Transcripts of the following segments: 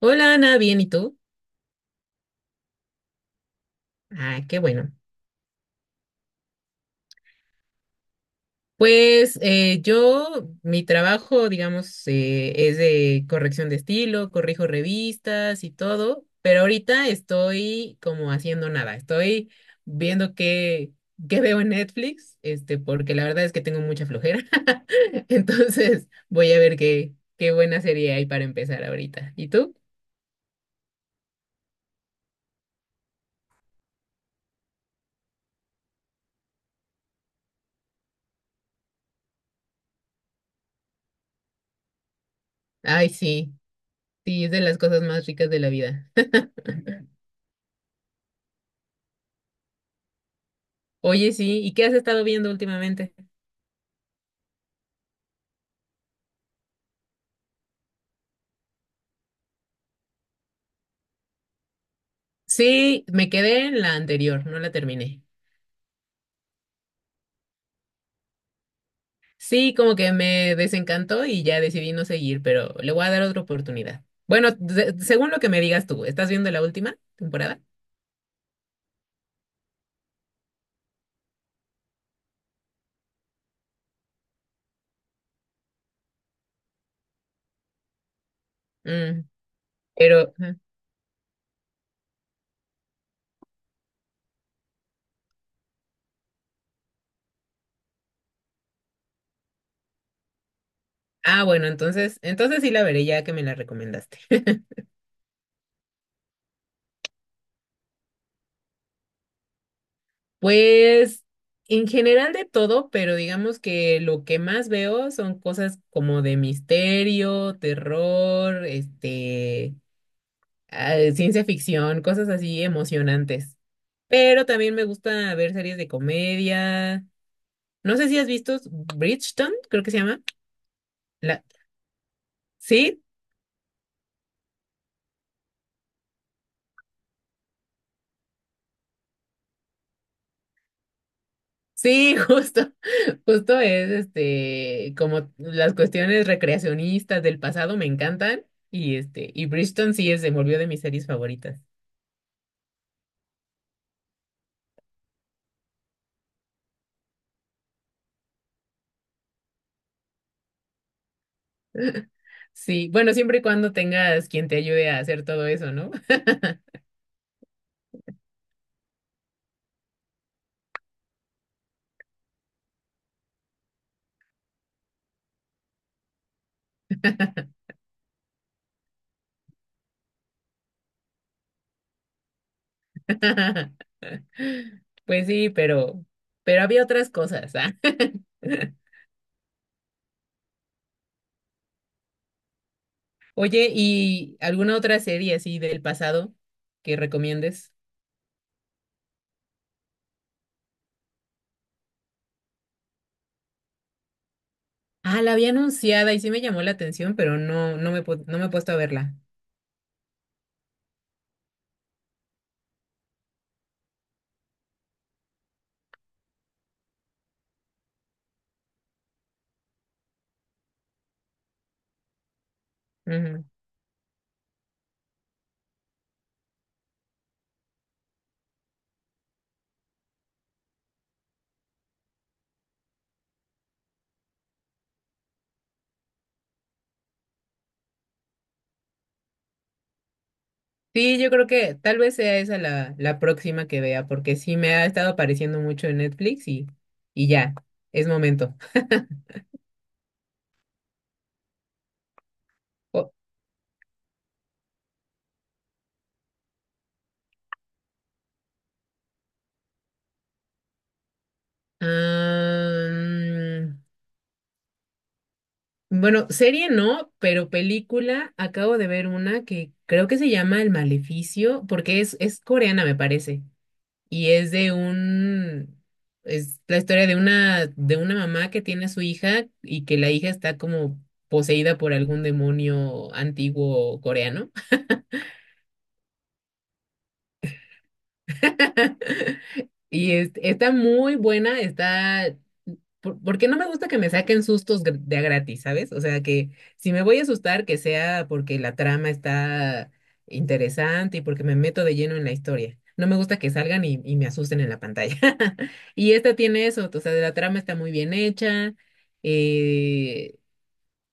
Hola Ana, bien, ¿y tú? Ah, qué bueno. Pues yo, mi trabajo, digamos, es de corrección de estilo, corrijo revistas y todo, pero ahorita estoy como haciendo nada, estoy viendo qué veo en Netflix, este, porque la verdad es que tengo mucha flojera. Entonces voy a ver qué buena serie hay para empezar ahorita. ¿Y tú? Ay, sí, sí, es de las cosas más ricas de la vida. Oye, sí, ¿y qué has estado viendo últimamente? Sí, me quedé en la anterior, no la terminé. Sí, como que me desencantó y ya decidí no seguir, pero le voy a dar otra oportunidad. Bueno, según lo que me digas tú, ¿estás viendo la última temporada? Mm, pero, ajá. Ah, bueno, entonces sí la veré ya que me la recomendaste. Pues en general de todo, pero digamos que lo que más veo son cosas como de misterio, terror, este, ah, ciencia ficción, cosas así emocionantes. Pero también me gusta ver series de comedia. No sé si has visto Bridgerton, creo que se llama. La... Sí, sí, justo. Justo es este, como las cuestiones recreacionistas del pasado me encantan. Y este, y Bridgerton sí es, se volvió de mis series favoritas. Sí, bueno, siempre y cuando tengas quien te ayude a hacer todo eso, ¿no? Pues sí, pero había otras cosas, ¿ah? Oye, ¿y alguna otra serie así del pasado que recomiendes? Ah, la había anunciada y sí me llamó la atención, pero no me, no me he puesto a verla. Ujú. Sí, yo creo que tal vez sea esa la próxima que vea, porque sí me ha estado apareciendo mucho en Netflix y ya, es momento. O- Am, bueno, serie no, pero película, acabo de ver una que creo que se llama El Maleficio, porque es coreana, me parece. Y es es la historia de una mamá que tiene a su hija y que la hija está como poseída por algún demonio antiguo coreano. Y está muy buena, está... Porque no me gusta que me saquen sustos de a gratis, ¿sabes? O sea, que si me voy a asustar, que sea porque la trama está interesante y porque me meto de lleno en la historia. No me gusta que salgan y me asusten en la pantalla. Y esta tiene eso, o sea, la trama está muy bien hecha, eh,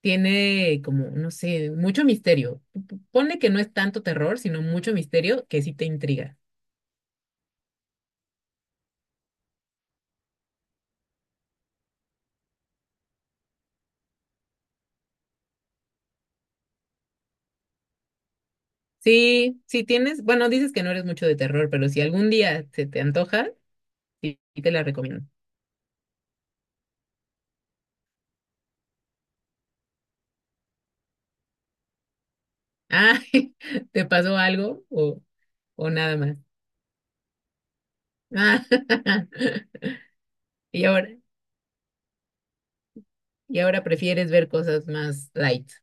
tiene como, no sé, mucho misterio. Ponle que no es tanto terror, sino mucho misterio que sí te intriga. Sí, si tienes, bueno, dices que no eres mucho de terror, pero si algún día se te antoja, sí sí te la recomiendo. Ah, ¿te pasó algo o nada más? Ah, y ahora, y ahora prefieres ver cosas más light.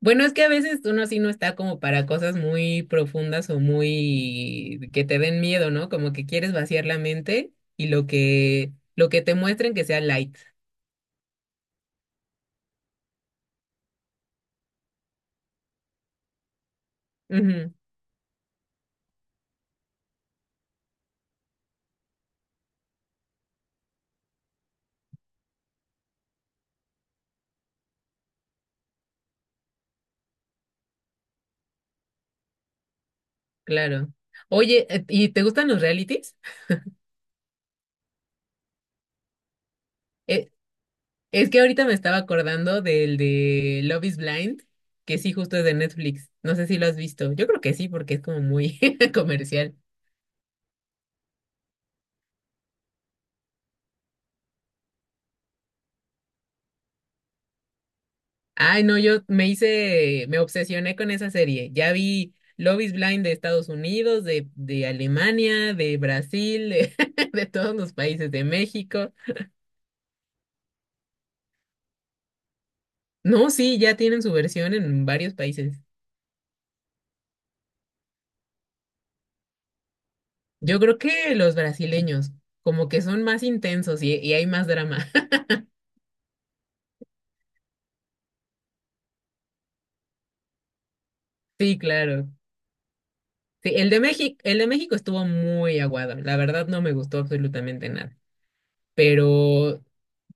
Bueno, es que a veces uno así no está como para cosas muy profundas o muy que te den miedo, ¿no? Como que quieres vaciar la mente y lo que te muestren que sea light. Ujú, claro. Oye, ¿y te gustan los realities? Eh, Es que ahorita me estaba acordando del de Love is Blind, que sí, justo es de Netflix. No sé si lo has visto. Yo creo que sí, porque es como muy comercial. Ay, no, me obsesioné con esa serie. Ya vi Love is Blind de Estados Unidos, de Alemania, de Brasil, de, de todos los países, de México. No, sí, ya tienen su versión en varios países. Yo creo que los brasileños, como que son más intensos y hay más drama. Sí, claro. Sí, el de México estuvo muy aguado. La verdad no me gustó absolutamente nada. Pero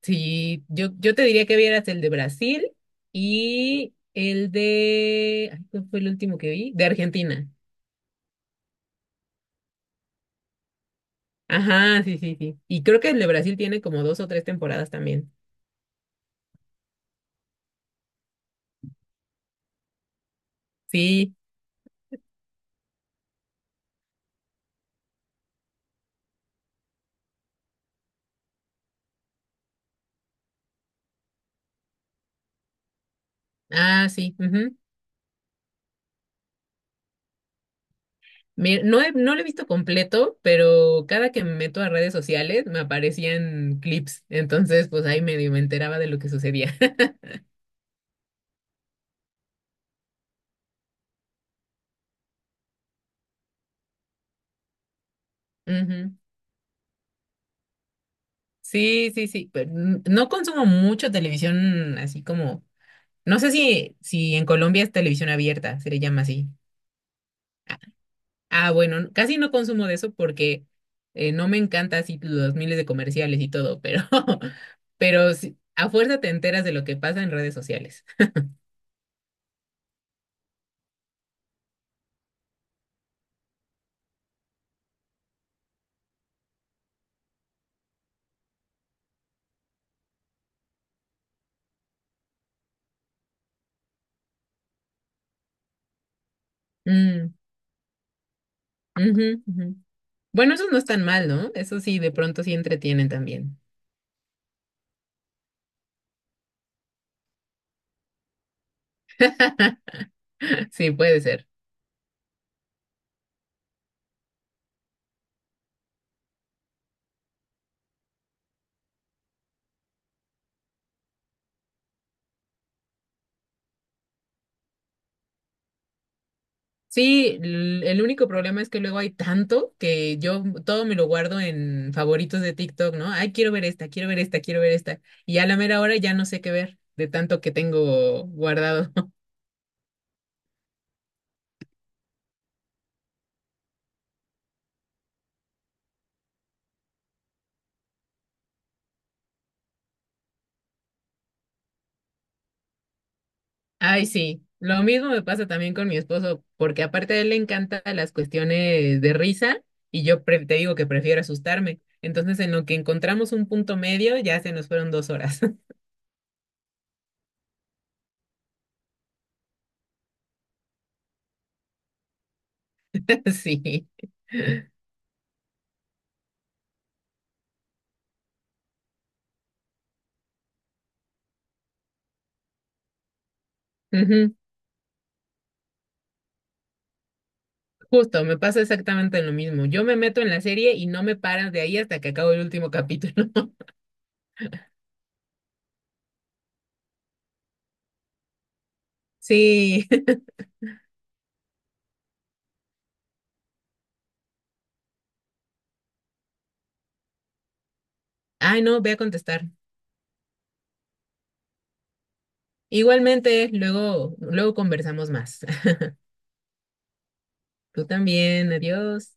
sí, yo te diría que vieras el de Brasil y el de... ay, ¿cuál fue el último que vi? De Argentina. Ajá, sí, sí, sí. Y creo que el de Brasil tiene como dos o tres temporadas también. Sí. Ah, sí, ujú. No lo he visto completo, pero cada que me meto a redes sociales me aparecían clips. Entonces, pues ahí medio me enteraba de lo que sucedía. Ujú. Sí, sí, sí, pero no consumo mucho televisión así como. No sé si en Colombia es televisión abierta, se le llama así. Ah, bueno, casi no consumo de eso porque no me encanta así los miles de comerciales y todo, pero, pero sí, a fuerza te enteras de lo que pasa en redes sociales. Mm, ujú, ujú. Bueno, esos no están mal, ¿no? Eso sí, de pronto sí entretienen también. Sí, puede ser. Sí, el único problema es que luego hay tanto que yo todo me lo guardo en favoritos de TikTok, ¿no? Ay, quiero ver esta, quiero ver esta, quiero ver esta. Y a la mera hora ya no sé qué ver de tanto que tengo guardado. Ay, sí. Lo mismo me pasa también con mi esposo, porque aparte a él le encantan las cuestiones de risa y yo te digo que prefiero asustarme. Entonces, en lo que encontramos un punto medio, ya se nos fueron 2 horas. Sí. Ujú. Justo, me pasa exactamente lo mismo. Yo me meto en la serie y no me paran de ahí hasta que acabo el último capítulo. Sí. Ay, no, voy a contestar. Igualmente, luego, luego conversamos más. Tú también, adiós.